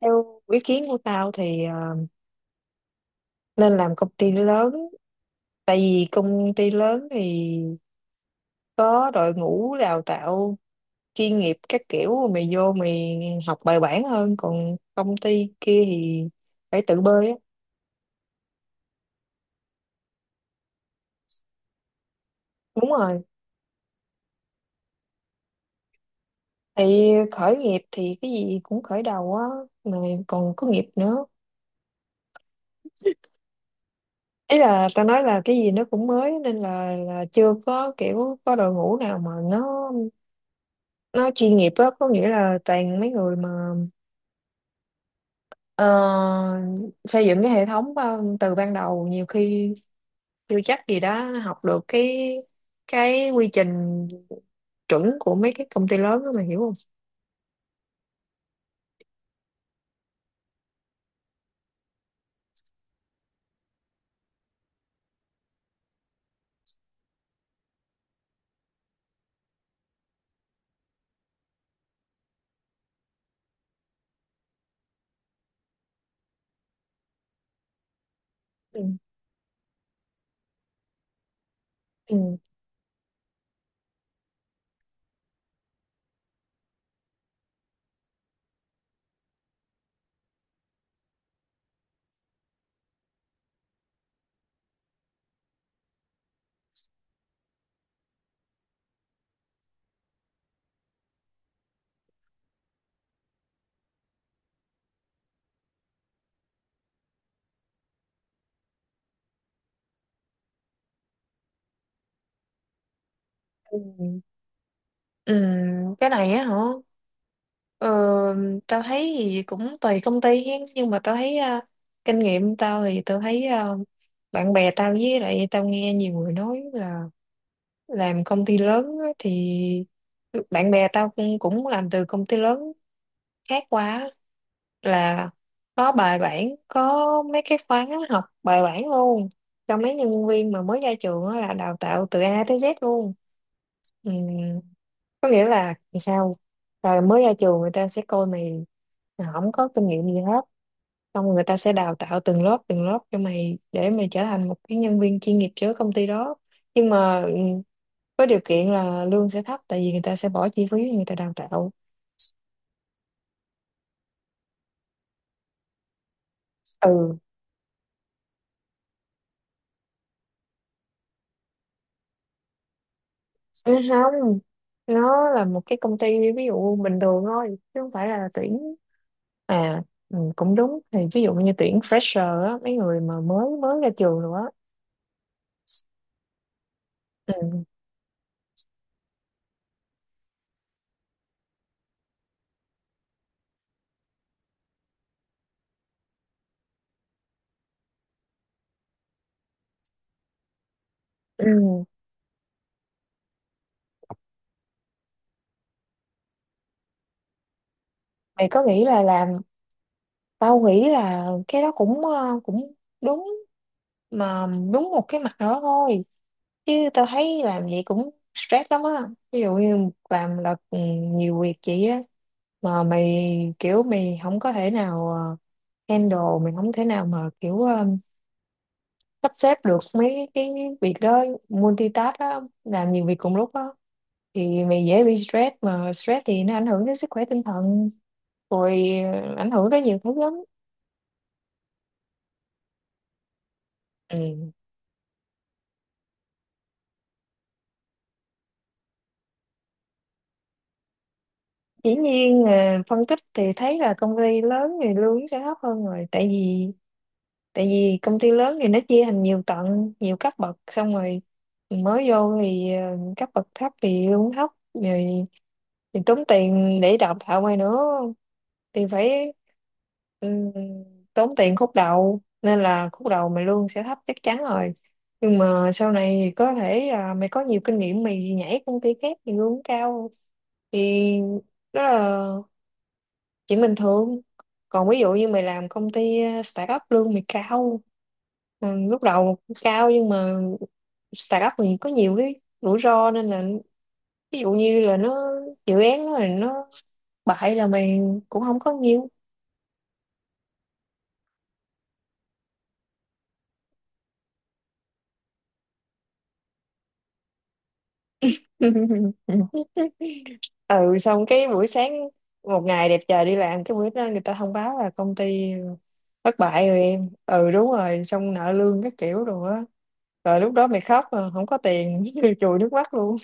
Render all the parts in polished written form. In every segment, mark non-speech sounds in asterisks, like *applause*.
Theo ý kiến của tao thì nên làm công ty lớn, tại vì công ty lớn thì có đội ngũ đào tạo chuyên nghiệp các kiểu, mày vô mày học bài bản hơn, còn công ty kia thì phải tự bơi á. Đúng rồi, thì khởi nghiệp thì cái gì cũng khởi đầu á mà, còn có nghiệp nữa. Ý là tao nói là cái gì nó cũng mới nên là chưa có kiểu có đội ngũ nào mà nó chuyên nghiệp á, có nghĩa là toàn mấy người mà ờ, xây dựng cái hệ thống từ ban đầu, nhiều khi chưa chắc gì đó học được cái quy trình chuẩn của mấy cái công ty lớn đó, mà hiểu không? Ừ. Ừ. Ừ. Ừ. Cái này á hả? Ờ, Tao thấy thì cũng tùy công ty hen, nhưng mà tao thấy kinh nghiệm tao thì tao thấy bạn bè tao, với lại tao nghe nhiều người nói là làm công ty lớn á thì, bạn bè tao cũng cũng làm từ công ty lớn khác qua á, là có bài bản, có mấy cái khóa học bài bản luôn cho mấy nhân viên mà mới ra trường đó, là đào tạo từ A tới Z luôn. Ừ. Có nghĩa là sao, rồi mới ra trường người ta sẽ coi mày là không có kinh nghiệm gì hết, xong người ta sẽ đào tạo từng lớp cho mày để mày trở thành một cái nhân viên chuyên nghiệp cho công ty đó. Nhưng mà với điều kiện là lương sẽ thấp, tại vì người ta sẽ bỏ chi phí người ta đào tạo. Ừ. Ừ, không, nó là một cái công ty ví dụ bình thường thôi, chứ không phải là tuyển. À ừ, cũng đúng, thì ví dụ như tuyển fresher á, mấy người mà mới mới ra trường nữa. Ừ. Ừ. Mày có nghĩ là làm, tao nghĩ là cái đó cũng cũng đúng, mà đúng một cái mặt đó thôi, chứ tao thấy làm vậy cũng stress lắm á. Ví dụ như làm là nhiều việc vậy á, mà mày kiểu mày không có thể nào handle, mình không thể nào mà kiểu sắp xếp được mấy cái việc đó, multitask đó, làm nhiều việc cùng lúc đó, thì mày dễ bị stress, mà stress thì nó ảnh hưởng đến sức khỏe tinh thần rồi ảnh hưởng tới nhiều thứ lắm. Ừ. Dĩ nhiên phân tích thì thấy là công ty lớn thì lương sẽ thấp hơn rồi, tại vì công ty lớn thì nó chia thành nhiều tầng, nhiều cấp bậc, xong rồi mới vô thì cấp bậc thấp thì lương thấp rồi, thì tốn tiền để đào tạo mày nữa thì phải ừm, tốn tiền khúc đầu, nên là khúc đầu mày lương sẽ thấp chắc chắn rồi. Nhưng mà sau này thì có thể là mày có nhiều kinh nghiệm, mày nhảy công ty khác thì lương cao, thì đó là chuyện bình thường. Còn ví dụ như mày làm công ty startup lương mày cao, lúc đầu cao, nhưng mà startup thì có nhiều cái rủi ro, nên là ví dụ như là nó, dự án nó là nó bại là mày cũng không có nhiều. *laughs* Ừ, xong cái buổi sáng một ngày đẹp trời đi làm, cái buổi đó người ta thông báo là công ty thất bại rồi em, ừ đúng rồi, xong nợ lương các kiểu đồ á, rồi lúc đó mày khóc mà không có tiền *laughs* chùi nước mắt luôn.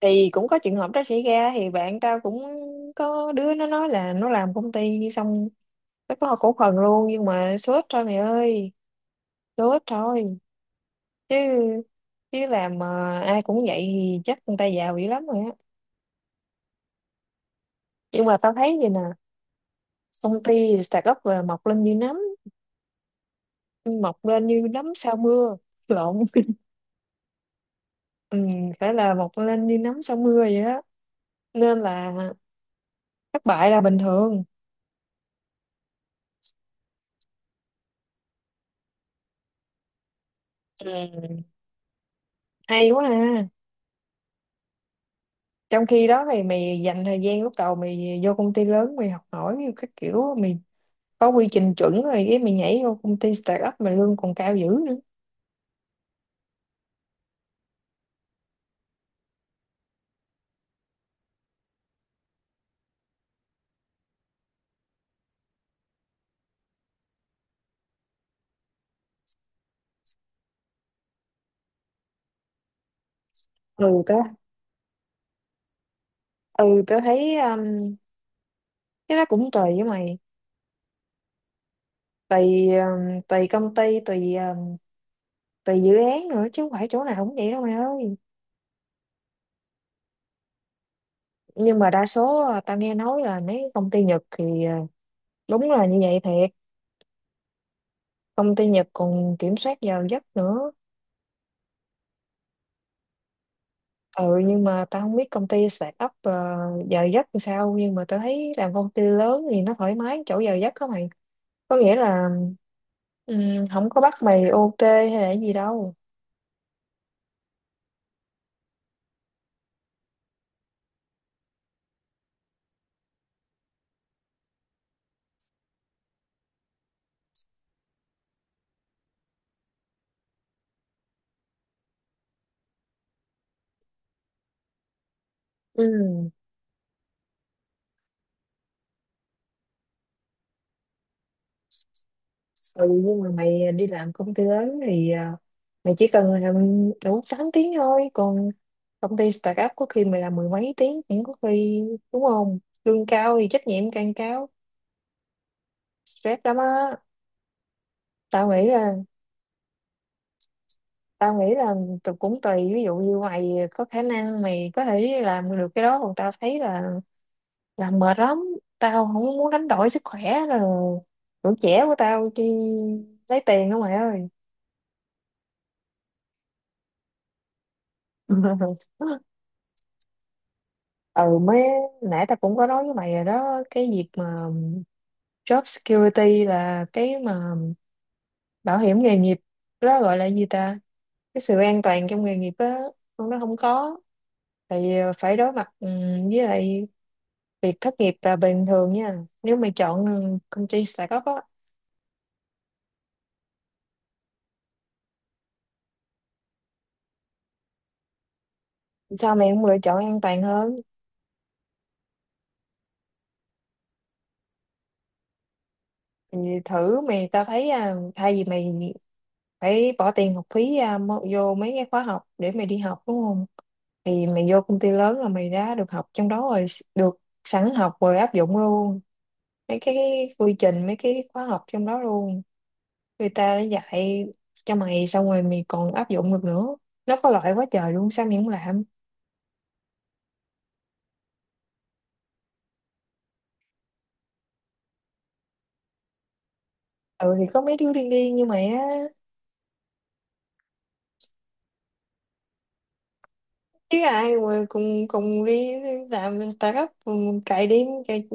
Thì cũng có trường hợp đó xảy ra, thì bạn tao cũng có đứa nó nói là nó làm công ty xong nó có cổ phần luôn, nhưng mà sốt thôi mày ơi, sốt thôi. Chứ chứ làm mà ai cũng vậy thì chắc người ta giàu dữ lắm rồi á. Nhưng mà tao thấy vậy nè, công ty startup up là mọc lên như nấm sau mưa *laughs* lộn. Ừ, phải là mọc lên như nấm sau mưa vậy đó, nên là thất bại là bình thường. Ừ, hay quá ha. Trong khi đó thì mày dành thời gian lúc đầu mày vô công ty lớn mày học hỏi như các kiểu, mày có quy trình chuẩn rồi cái mày nhảy vô công ty start up mà lương còn cao dữ nữa. Ừ tớ ừ tớ thấy cái đó cũng tùy, với mày tùy tùy công ty, tùy tùy dự án nữa, chứ không phải chỗ nào cũng vậy đâu mày ơi. Nhưng mà đa số à, tao nghe nói là mấy công ty Nhật thì đúng là như vậy thiệt, công ty Nhật còn kiểm soát giờ giấc nữa. Ừ, nhưng mà tao không biết công ty start up giờ giấc làm sao, nhưng mà tao thấy làm công ty lớn thì nó thoải mái chỗ giờ giấc đó mày, có nghĩa là không có bắt mày OT hay là gì đâu. Ừ. Ừ, nhưng mà mày đi làm công ty lớn thì mày chỉ cần làm đủ 8 tiếng thôi, còn công ty start up có khi mày làm mười mấy tiếng cũng có, khi đúng không, lương cao thì trách nhiệm càng cao, stress lắm á. Tao nghĩ là tao nghĩ là tụi cũng tùy, ví dụ như mày có khả năng mày có thể làm được cái đó, còn tao thấy là làm mệt lắm, tao không muốn đánh đổi sức khỏe là tuổi trẻ của tao đi lấy tiền đó mày ơi. *laughs* Ừ, mới nãy tao cũng có nói với mày rồi đó, cái việc mà job security là cái mà bảo hiểm nghề nghiệp, cái đó gọi là gì ta, cái sự an toàn trong nghề nghiệp á, con nó không có thì phải đối mặt với lại việc thất nghiệp là bình thường nha, nếu mày chọn công ty startup á. Sao mày không lựa chọn an toàn hơn thì thử mày, tao thấy thay vì mày phải bỏ tiền học phí vô mấy cái khóa học để mày đi học đúng không, thì mày vô công ty lớn là mày đã được học trong đó rồi, được sẵn học rồi áp dụng luôn mấy cái quy trình, mấy cái khóa học trong đó luôn, người ta đã dạy cho mày xong rồi mày còn áp dụng được nữa, nó có lợi quá trời luôn sao mày không làm. Ừ, thì có mấy đứa điên điên như mày á, chứ ai mà cùng cùng đi làm startup cùng cày đêm cày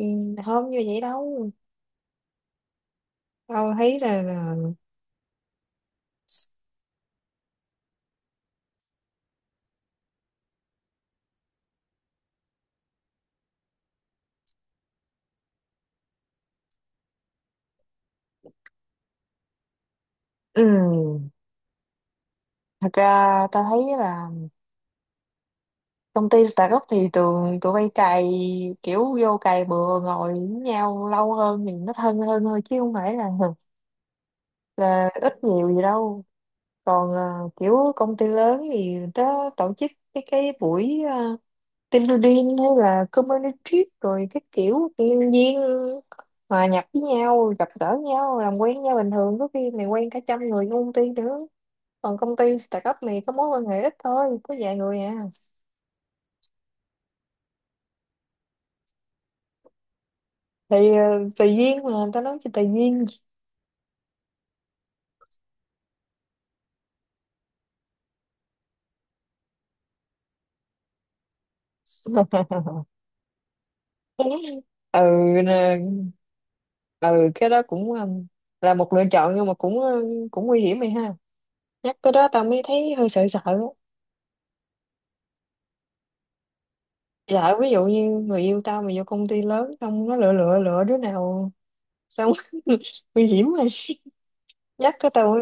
hôm như vậy đâu. Tao thấy là ừ, thật ra ta thấy là công ty startup thì tụi tụi bay cày kiểu vô cày bừa ngồi với nhau lâu hơn thì nó thân hơn thôi, chứ không phải là ít nhiều gì đâu. Còn kiểu công ty lớn thì ta tổ chức cái buổi Tindorin hay là Community, rồi cái kiểu tự nhiên hòa nhập với nhau, gặp gỡ nhau, làm quen với nhau bình thường, có khi mày quen cả trăm người trong công ty nữa. Còn công ty startup này có mối quan hệ ít thôi, có vài người à, thì tùy duyên mà, người ta nói cho tùy duyên. *laughs* Ừ, nè, ừ cái đó cũng là một lựa chọn, nhưng mà cũng cũng nguy hiểm mày ha, nhắc tới đó tao mới thấy hơi sợ sợ á. Dạ, ví dụ như người yêu tao mà vô công ty lớn xong nó lựa lựa lựa đứa nào xong *laughs* nguy hiểm mà, nhắc cái tao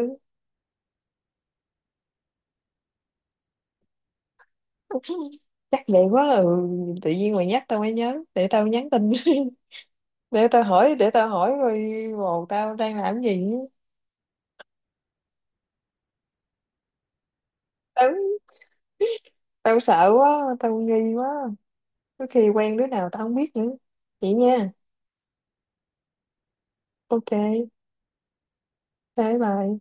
*laughs* chắc vậy quá ừ. Tự nhiên mày nhắc tao mới nhớ, để tao nhắn tin *laughs* để tao hỏi, coi bồ tao đang làm cái gì. Tao tao sợ quá, tao nghi quá, có khi quen đứa nào tao không biết nữa vậy nha. Ok, bye bye.